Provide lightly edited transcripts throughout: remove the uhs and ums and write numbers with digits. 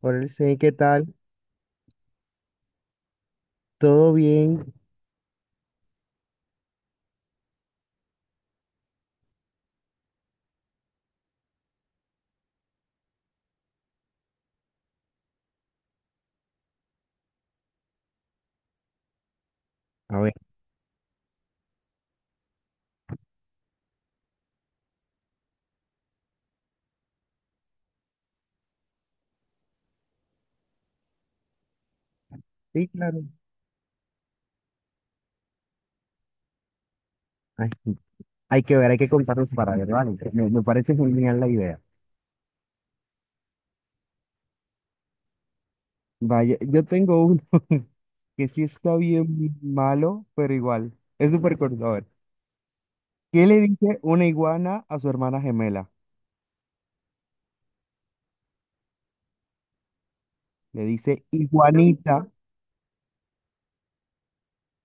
Por el sí, ¿qué tal? ¿Todo bien? A ver, sí, claro. Ay, hay que ver, hay que contarnos para ver, ¿vale? Me parece genial la idea. Vaya, yo tengo uno que sí está bien malo, pero igual. Es súper corto. A ver, ¿qué le dice una iguana a su hermana gemela? Le dice iguanita,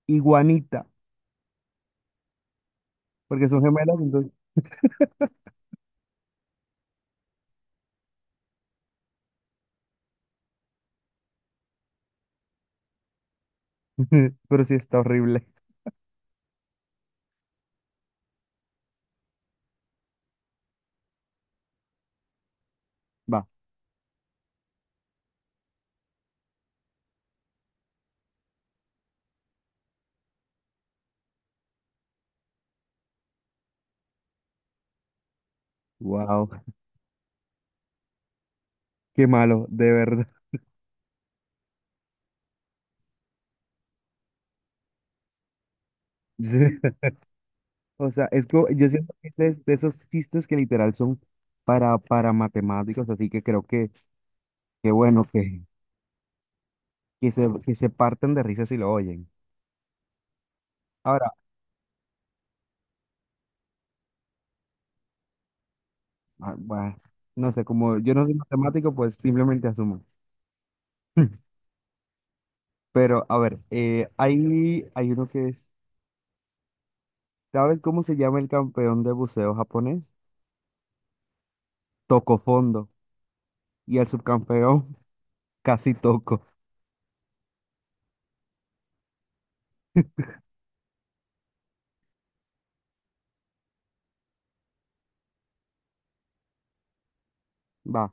iguanita, porque son gemelas, entonces. Pero sí está horrible. Va, wow, qué malo, de verdad. O sea, es como, yo siento que es de, esos chistes que literal son para matemáticos, así que creo que bueno, que, que se parten de risa si lo oyen. Ahora, ah, bueno, no sé, como yo no soy matemático, pues simplemente asumo. Pero, a ver, hay, hay uno que es, ¿sabes cómo se llama el campeón de buceo japonés? Toco fondo. Y el subcampeón, casi toco. Va,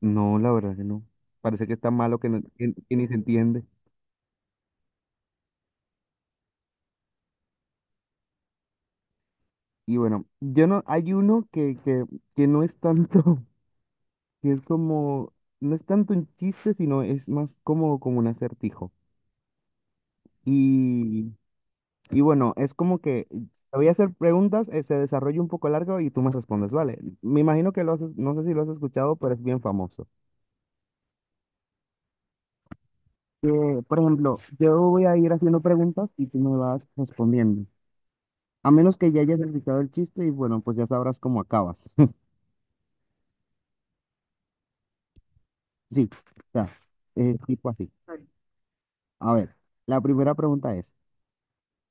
no, la verdad que no. Parece que está malo que, que ni se entiende. Y bueno, yo no, hay uno que no es tanto, que es como, no es tanto un chiste, sino es más como, como un acertijo. Y, y bueno, es como que te voy a hacer preguntas, se desarrolla un poco largo y tú me respondes, ¿vale? Me imagino que lo has, no sé si lo has escuchado, pero es bien famoso. Por ejemplo, yo voy a ir haciendo preguntas y tú me vas respondiendo. A menos que ya hayas escuchado el chiste y bueno, pues ya sabrás cómo acabas. Sí, o sea, tipo así. A ver, la primera pregunta es,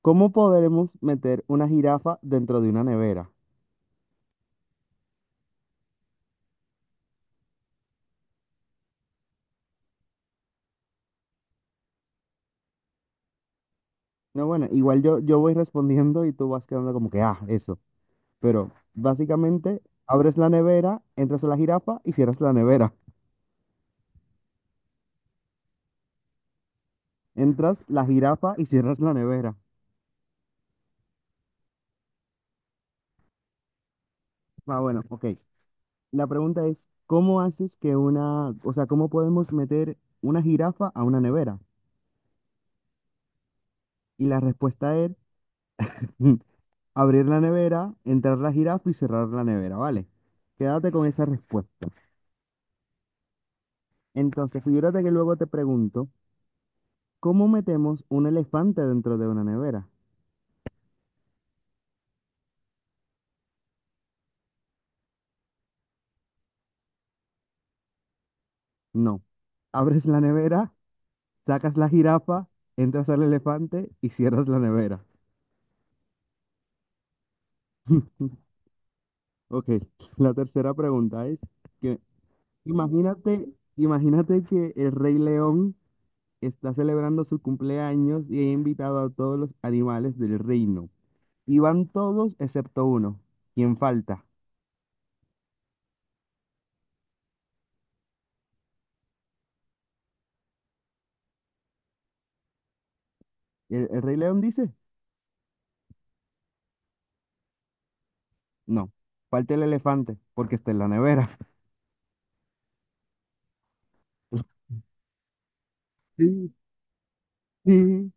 ¿cómo podremos meter una jirafa dentro de una nevera? No, bueno, igual yo, yo voy respondiendo y tú vas quedando como que, ah, eso. Pero básicamente abres la nevera, entras a la jirafa y cierras la nevera. Entras la jirafa y cierras la nevera. Ah, bueno, ok. La pregunta es, ¿cómo haces que una, o sea, cómo podemos meter una jirafa a una nevera? Y la respuesta es abrir la nevera, entrar la jirafa y cerrar la nevera, ¿vale? Quédate con esa respuesta. Entonces, figúrate que luego te pregunto, ¿cómo metemos un elefante dentro de una nevera? No. Abres la nevera, sacas la jirafa, entras al elefante y cierras la nevera. Ok, la tercera pregunta es que imagínate, imagínate que el Rey León está celebrando su cumpleaños y ha invitado a todos los animales del reino. Y van todos excepto uno. ¿Quién falta? El Rey León dice? No, falta el elefante porque está en la nevera. Sí, sí,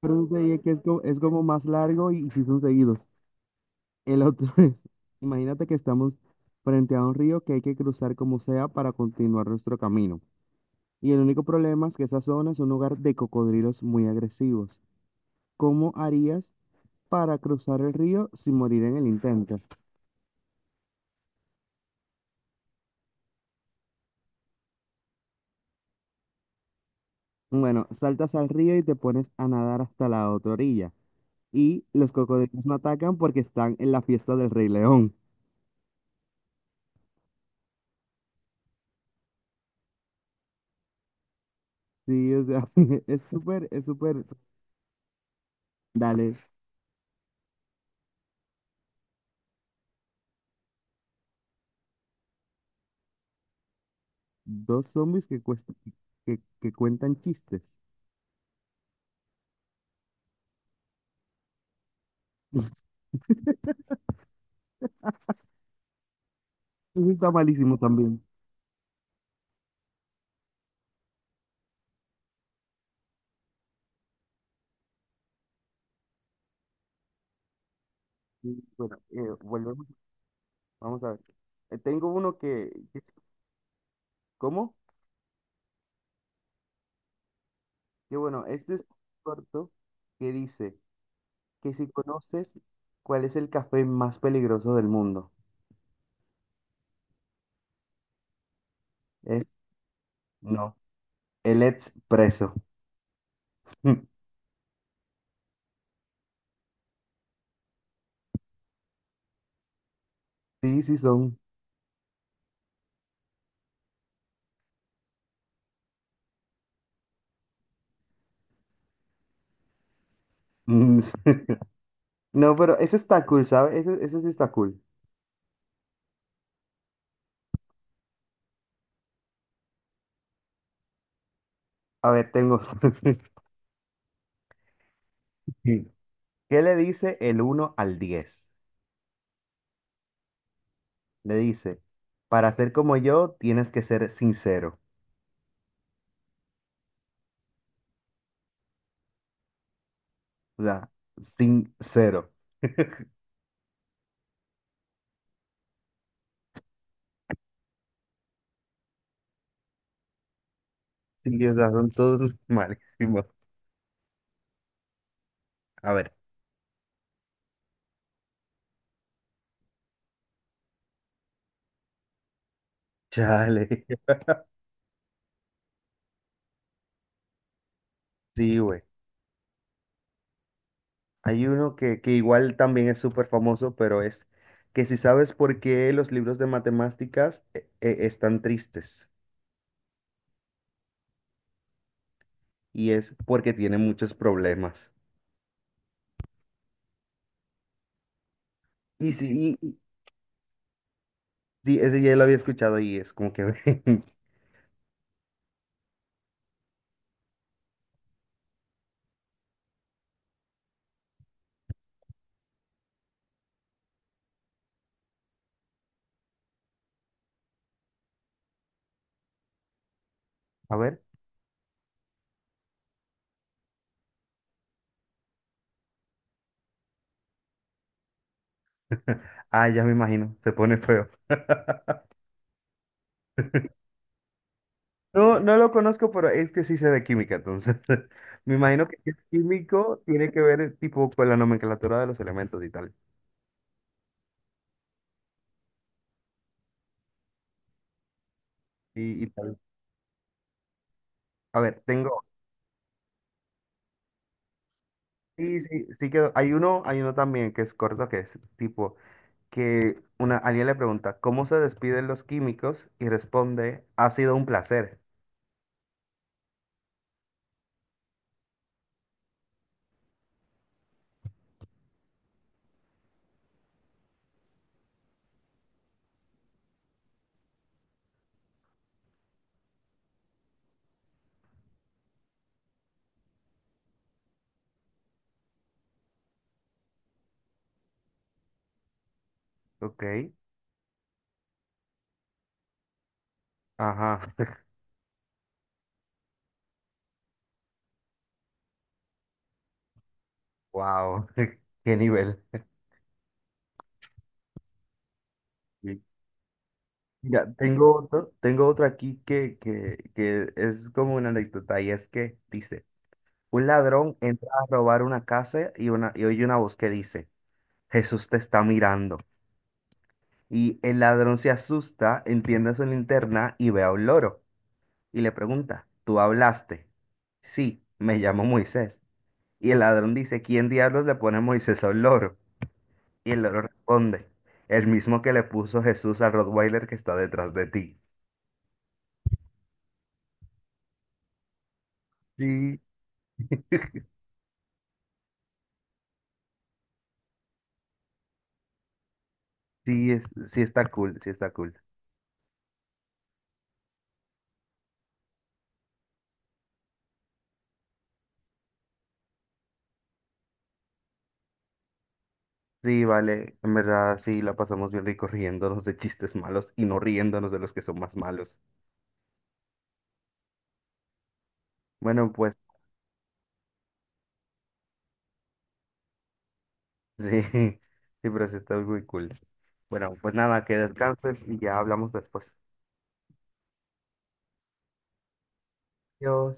pero eso te digo que es como más largo y, si son seguidos. El otro es, imagínate que estamos frente a un río que hay que cruzar como sea para continuar nuestro camino. Y el único problema es que esa zona es un lugar de cocodrilos muy agresivos. ¿Cómo harías para cruzar el río sin morir en el intento? Bueno, saltas al río y te pones a nadar hasta la otra orilla. Y los cocodrilos no atacan porque están en la fiesta del Rey León. Sí, o sea, es súper, dale. Dos zombies que, que cuentan chistes. Eso está malísimo también. Y, bueno, volvemos. Vamos a ver. Tengo uno que, ¿Cómo? Que bueno, este es corto que dice que si conoces cuál es el café más peligroso del mundo. Es no. El expreso. Sí, sí son. Mm, no, pero eso está cool, ¿sabes? Eso sí está cool. A ver, tengo. ¿Qué le dice el uno al diez? Le dice, para ser como yo tienes que ser sincero. O sea, sincero. Sí, o sea, son todos malísimos. A ver, chale. Sí, güey. Hay uno que igual también es súper famoso, pero es que si sabes por qué los libros de matemáticas están tristes. Y es porque tienen muchos problemas. Y sí, sí, ese ya lo había escuchado y es como que... A ver. Ah, ya me imagino. Se pone feo. No, no lo conozco, pero es que sí sé de química, entonces me imagino que si es químico tiene que ver tipo con la nomenclatura de los elementos y tal. Y tal. A ver, tengo. Sí, sí, sí que hay uno también que es corto, que es tipo que una alguien le pregunta ¿cómo se despiden los químicos? Y responde, ha sido un placer. Ok, ajá. Wow, qué nivel. Sí. Ya, tengo otro aquí que, que es como una anécdota y es que dice. Un ladrón entra a robar una casa y, una, y oye una voz que dice, Jesús te está mirando. Y el ladrón se asusta, enciende su linterna y ve a un loro. Y le pregunta, ¿tú hablaste? Sí, me llamo Moisés. Y el ladrón dice, ¿quién diablos le pone Moisés a un loro? Y el loro responde, el mismo que le puso Jesús al Rottweiler que está detrás de ti. Sí, sí, es, sí está cool, sí está cool. Sí, vale, en verdad sí la pasamos bien rico riéndonos de chistes malos y no riéndonos de los que son más malos. Bueno, pues sí, sí, pero sí está muy cool. Bueno, pues nada, que descanses y ya hablamos después. Adiós.